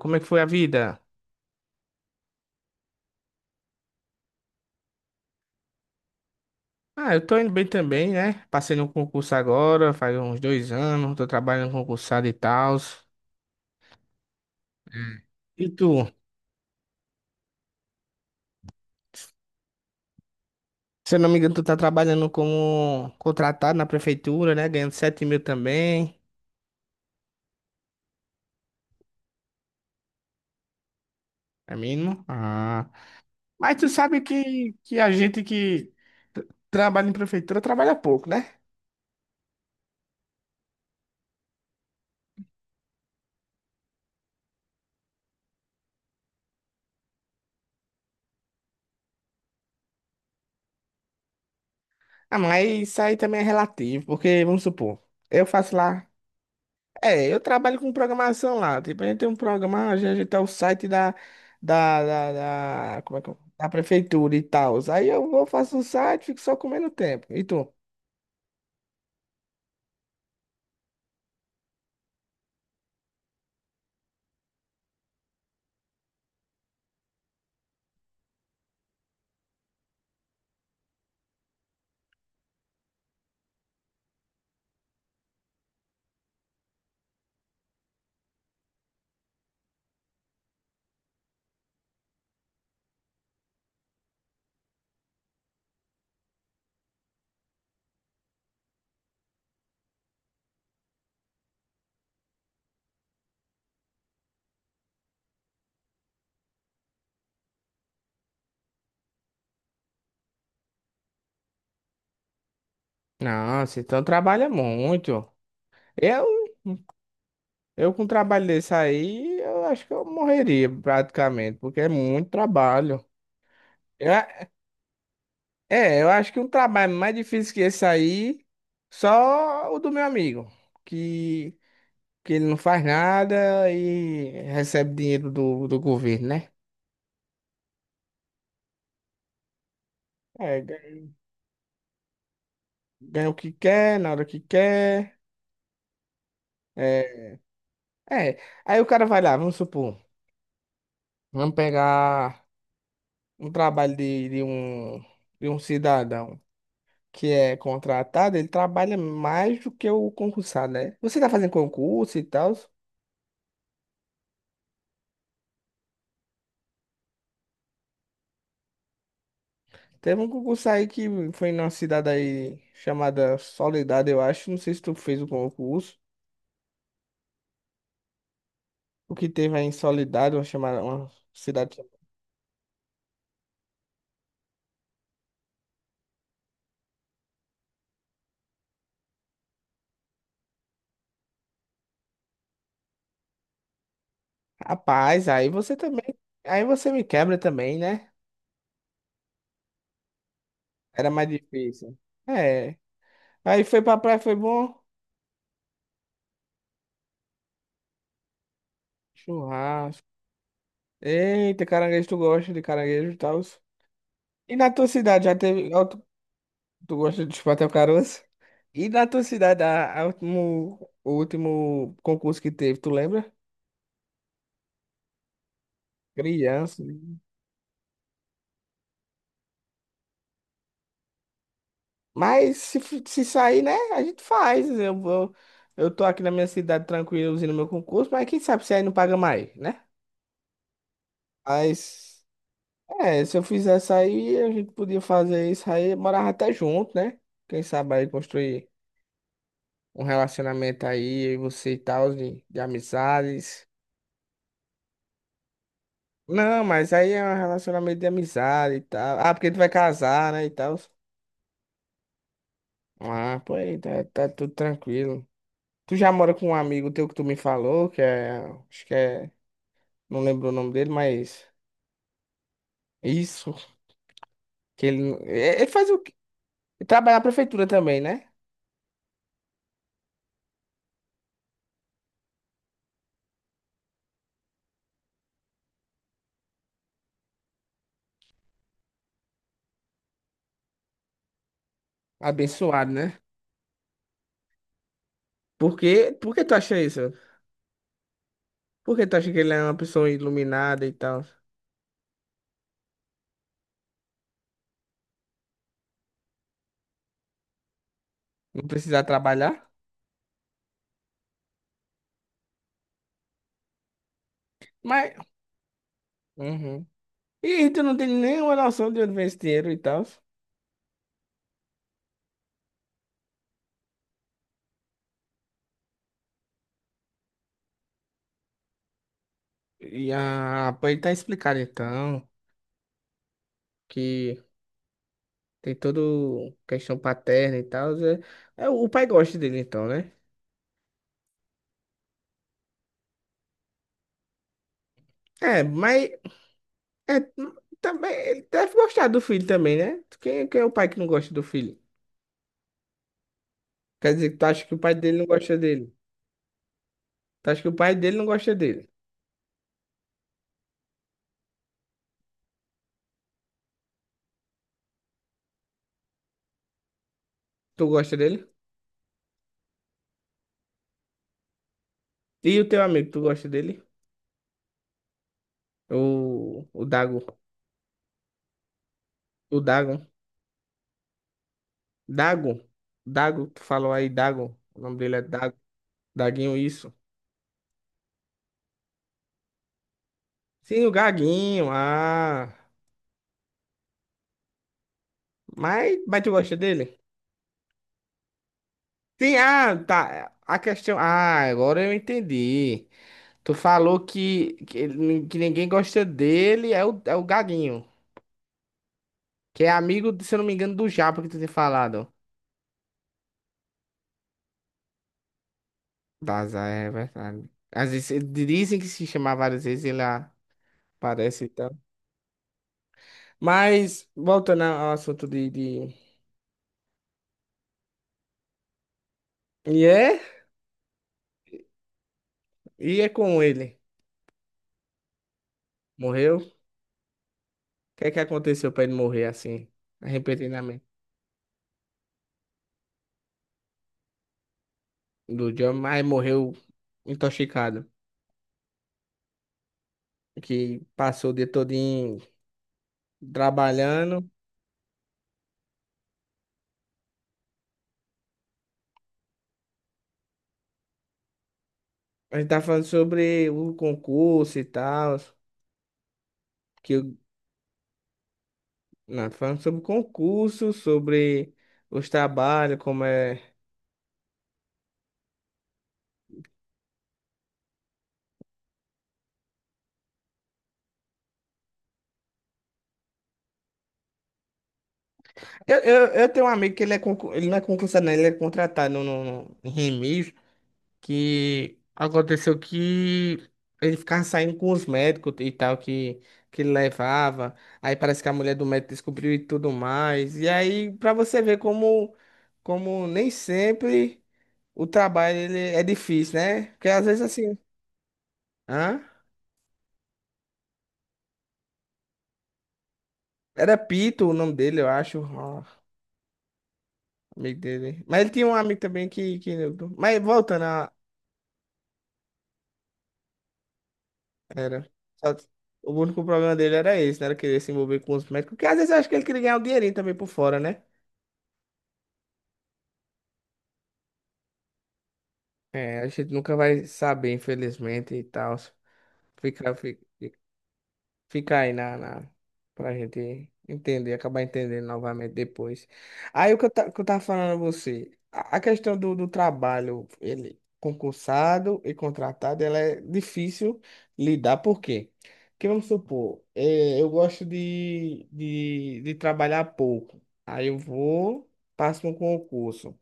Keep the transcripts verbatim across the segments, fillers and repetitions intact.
Como é que foi a vida? Ah, eu tô indo bem também, né? Passei no concurso agora, faz uns dois anos, tô trabalhando concursado e tal. E tu? Se eu não me engano, tu tá trabalhando como contratado na prefeitura, né? Ganhando sete mil também, é mínimo. Ah. Mas tu sabe que, que a gente que tra- trabalha em prefeitura trabalha pouco, né? Ah, mas isso aí também é relativo, porque, vamos supor, eu faço lá. É, eu trabalho com programação lá. Tipo, a gente tem um programa, a gente a gente tem o site da, da, da, da- como é que, é? Da prefeitura e tal. Aí eu vou, faço um site, fico só comendo tempo. E tu? Nossa, então trabalha muito. Eu, eu com um trabalho desse aí, eu acho que eu morreria praticamente, porque é muito trabalho. Eu a- é, eu acho que um trabalho mais difícil que esse aí, só o do meu amigo, que que ele não faz nada e recebe dinheiro do, do governo, né? É, ganha, ganha o que quer, na hora que quer. É, é. Aí o cara vai lá, vamos supor, vamos pegar um trabalho de, de um, de um cidadão que é contratado, ele trabalha mais do que o concursado, né? Você tá fazendo concurso e tal. Teve um concurso aí que foi numa cidade aí chamada Soledade, eu acho. Não sei se tu fez o concurso. O que teve aí em Soledade, uma chamada, uma cidade. Rapaz, aí você também. Aí você me quebra também, né? Era mais difícil. É. Aí foi pra praia, foi bom. Churrasco. Eita, caranguejo, tu gosta de caranguejo e tal. E na tua cidade já teve. Ó, tu, tu gosta de chupar o caroço? E na tua cidade, a, a último, o último concurso que teve, tu lembra? Criança. Mas se, f- se sair, né? A gente faz. Eu vou. Eu tô aqui na minha cidade tranquilo, usando meu concurso, mas quem sabe se aí não paga mais, né? Mas. É, se eu fizesse aí, a gente podia fazer isso aí, morava até junto, né? Quem sabe aí construir um relacionamento aí, eu e você e tal, de, de amizades. Não, mas aí é um relacionamento de amizade e tal. Ah, porque tu vai casar, né, e tal. Ah, pô, aí tá, tá tudo tranquilo. Tu já mora com um amigo teu que tu me falou, que é, acho que é, não lembro o nome dele, mas isso, que ele, é- ele faz o quê? Ele trabalha na prefeitura também, né? Abençoado, né? Por quê? Por que tu acha isso? Por que tu acha que ele é uma pessoa iluminada e tal? Não precisar trabalhar? Mas. Uhum. E tu não tem nenhuma noção de onde vem esse dinheiro e tal. E a pra ele tá explicado então que tem todo questão paterna e tal. É, é, o pai gosta dele então, né? É, mas é, também ele deve gostar do filho também, né? Quem, quem é o pai que não gosta do filho? Quer dizer que tu acha que o pai dele não gosta dele? Tu acha que o pai dele não gosta dele? Tu gosta dele? E o teu amigo, tu gosta dele? O, o Dago. O Dago. Dago. Dago, tu falou aí, Dago. O nome dele é Dago. Daguinho, isso. Sim, o Gaguinho. Ah. Mas, mas tu gosta dele? Sim, ah, tá. A questão. Ah, agora eu entendi. Tu falou que, que, ele- que ninguém gosta dele, é o, é o Gaguinho. Que é amigo, se eu não me engano, do Japa que tu tem falado. Daza, é verdade. Às vezes eh, dizem que se chamar várias vezes ele aparece. Então. Mas, voltando ao assunto de, de... E é? E é com ele. Morreu? O que é que aconteceu pra ele morrer assim, repentinamente? Do John, mas morreu intoxicado. Que passou o dia todinho trabalhando. A gente tá falando sobre o concurso e tal. Que eu... Não, tá falando sobre o concurso, sobre os trabalhos, como é. Eu, eu, eu tenho um amigo que ele é concur... ele não é concursado, não, ele é contratado no, no, no em que aconteceu que ele ficava saindo com os médicos e tal que, que ele levava. Aí parece que a mulher do médico descobriu e tudo mais. E aí, pra você ver como, como nem sempre o trabalho ele é difícil, né? Porque às vezes assim. Hã? Era Pito o nome dele, eu acho. Ó, amigo dele. Mas ele tinha um amigo também que, que... Mas voltando a. Era. Só- o único problema dele era esse, né? Era querer se envolver com os médicos. Porque às vezes eu acho que ele queria ganhar um dinheirinho também por fora, né? É, a gente nunca vai saber, infelizmente, e tal. Fica, fica- Fica aí na, na, pra gente entender, acabar entendendo novamente depois. Aí o que eu, ta, que eu tava falando a você, a, a questão do, do trabalho, ele concursado e contratado, ela é difícil lidar, por quê? Porque vamos supor, eh, eu gosto de, de, de trabalhar pouco. Aí eu vou, passo um concurso.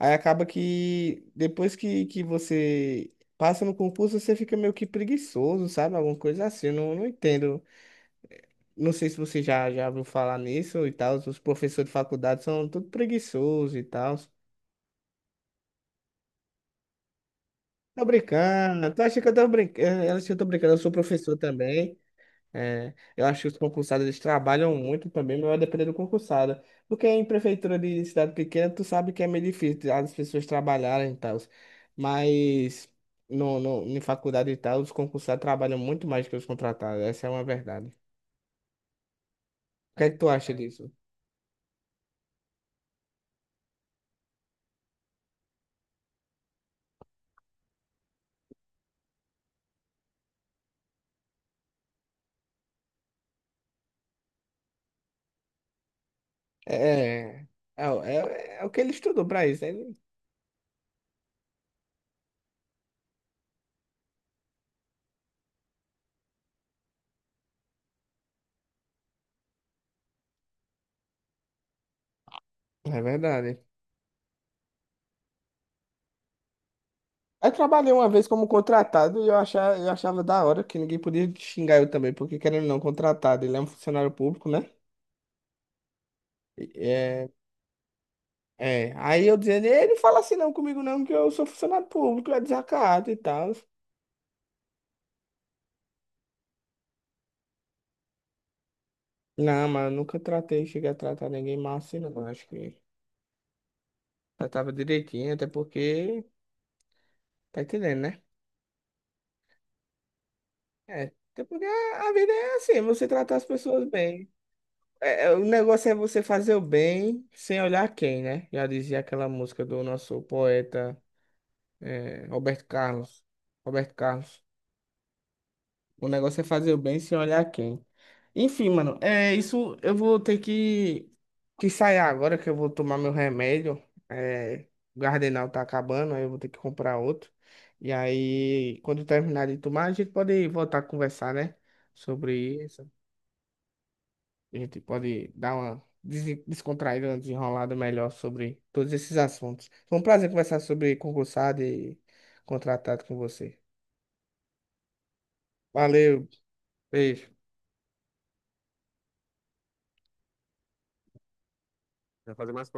Aí acaba que depois que, que você passa no concurso, você fica meio que preguiçoso, sabe? Alguma coisa assim, eu não, não entendo. Não sei se você já, já ouviu falar nisso e tal. Os professores de faculdade são tudo preguiçosos e tal. Tá brincando. Tu acha que eu tô brincando? Ela acha que eu tô brincando. Eu sou professor também. É, eu acho que os concursados eles trabalham muito também, mas vai depender do concursado. Porque em prefeitura de cidade pequena, tu sabe que é meio difícil as pessoas trabalharem e tal. Mas no, no, em faculdade e tal, os concursados trabalham muito mais que os contratados. Essa é uma verdade. O que é que tu acha disso? É, é, é, é é o que ele estudou pra isso, ele... É verdade. Eu trabalhei uma vez como contratado e eu achava, eu achava da hora que ninguém podia xingar eu também, porque querendo ou não, contratado, ele é um funcionário público, né? E- É, é. Aí eu dizendo, ele não fala assim não comigo não, que eu sou funcionário público, é desacato e tal. Não, mas eu nunca tratei, cheguei a tratar ninguém mal assim não, eu acho que tratava direitinho, até porque, tá entendendo, né? É, até porque a a vida é assim, você tratar as pessoas bem. É, é, o negócio é você fazer o bem sem olhar quem, né? Já dizia aquela música do nosso poeta, é, Roberto Carlos. Roberto Carlos. O negócio é fazer o bem sem olhar quem. Enfim, mano, é isso. Eu vou ter que, que sair agora que eu vou tomar meu remédio. É, o Gardenal tá acabando, aí eu vou ter que comprar outro. E aí, quando eu terminar de tomar, a gente pode voltar a conversar, né? Sobre isso. A gente pode dar uma desi- descontraída, uma desenrolada melhor sobre todos esses assuntos. Foi um prazer conversar sobre concursado e contratado com você. Valeu, beijo. Vai fazer mais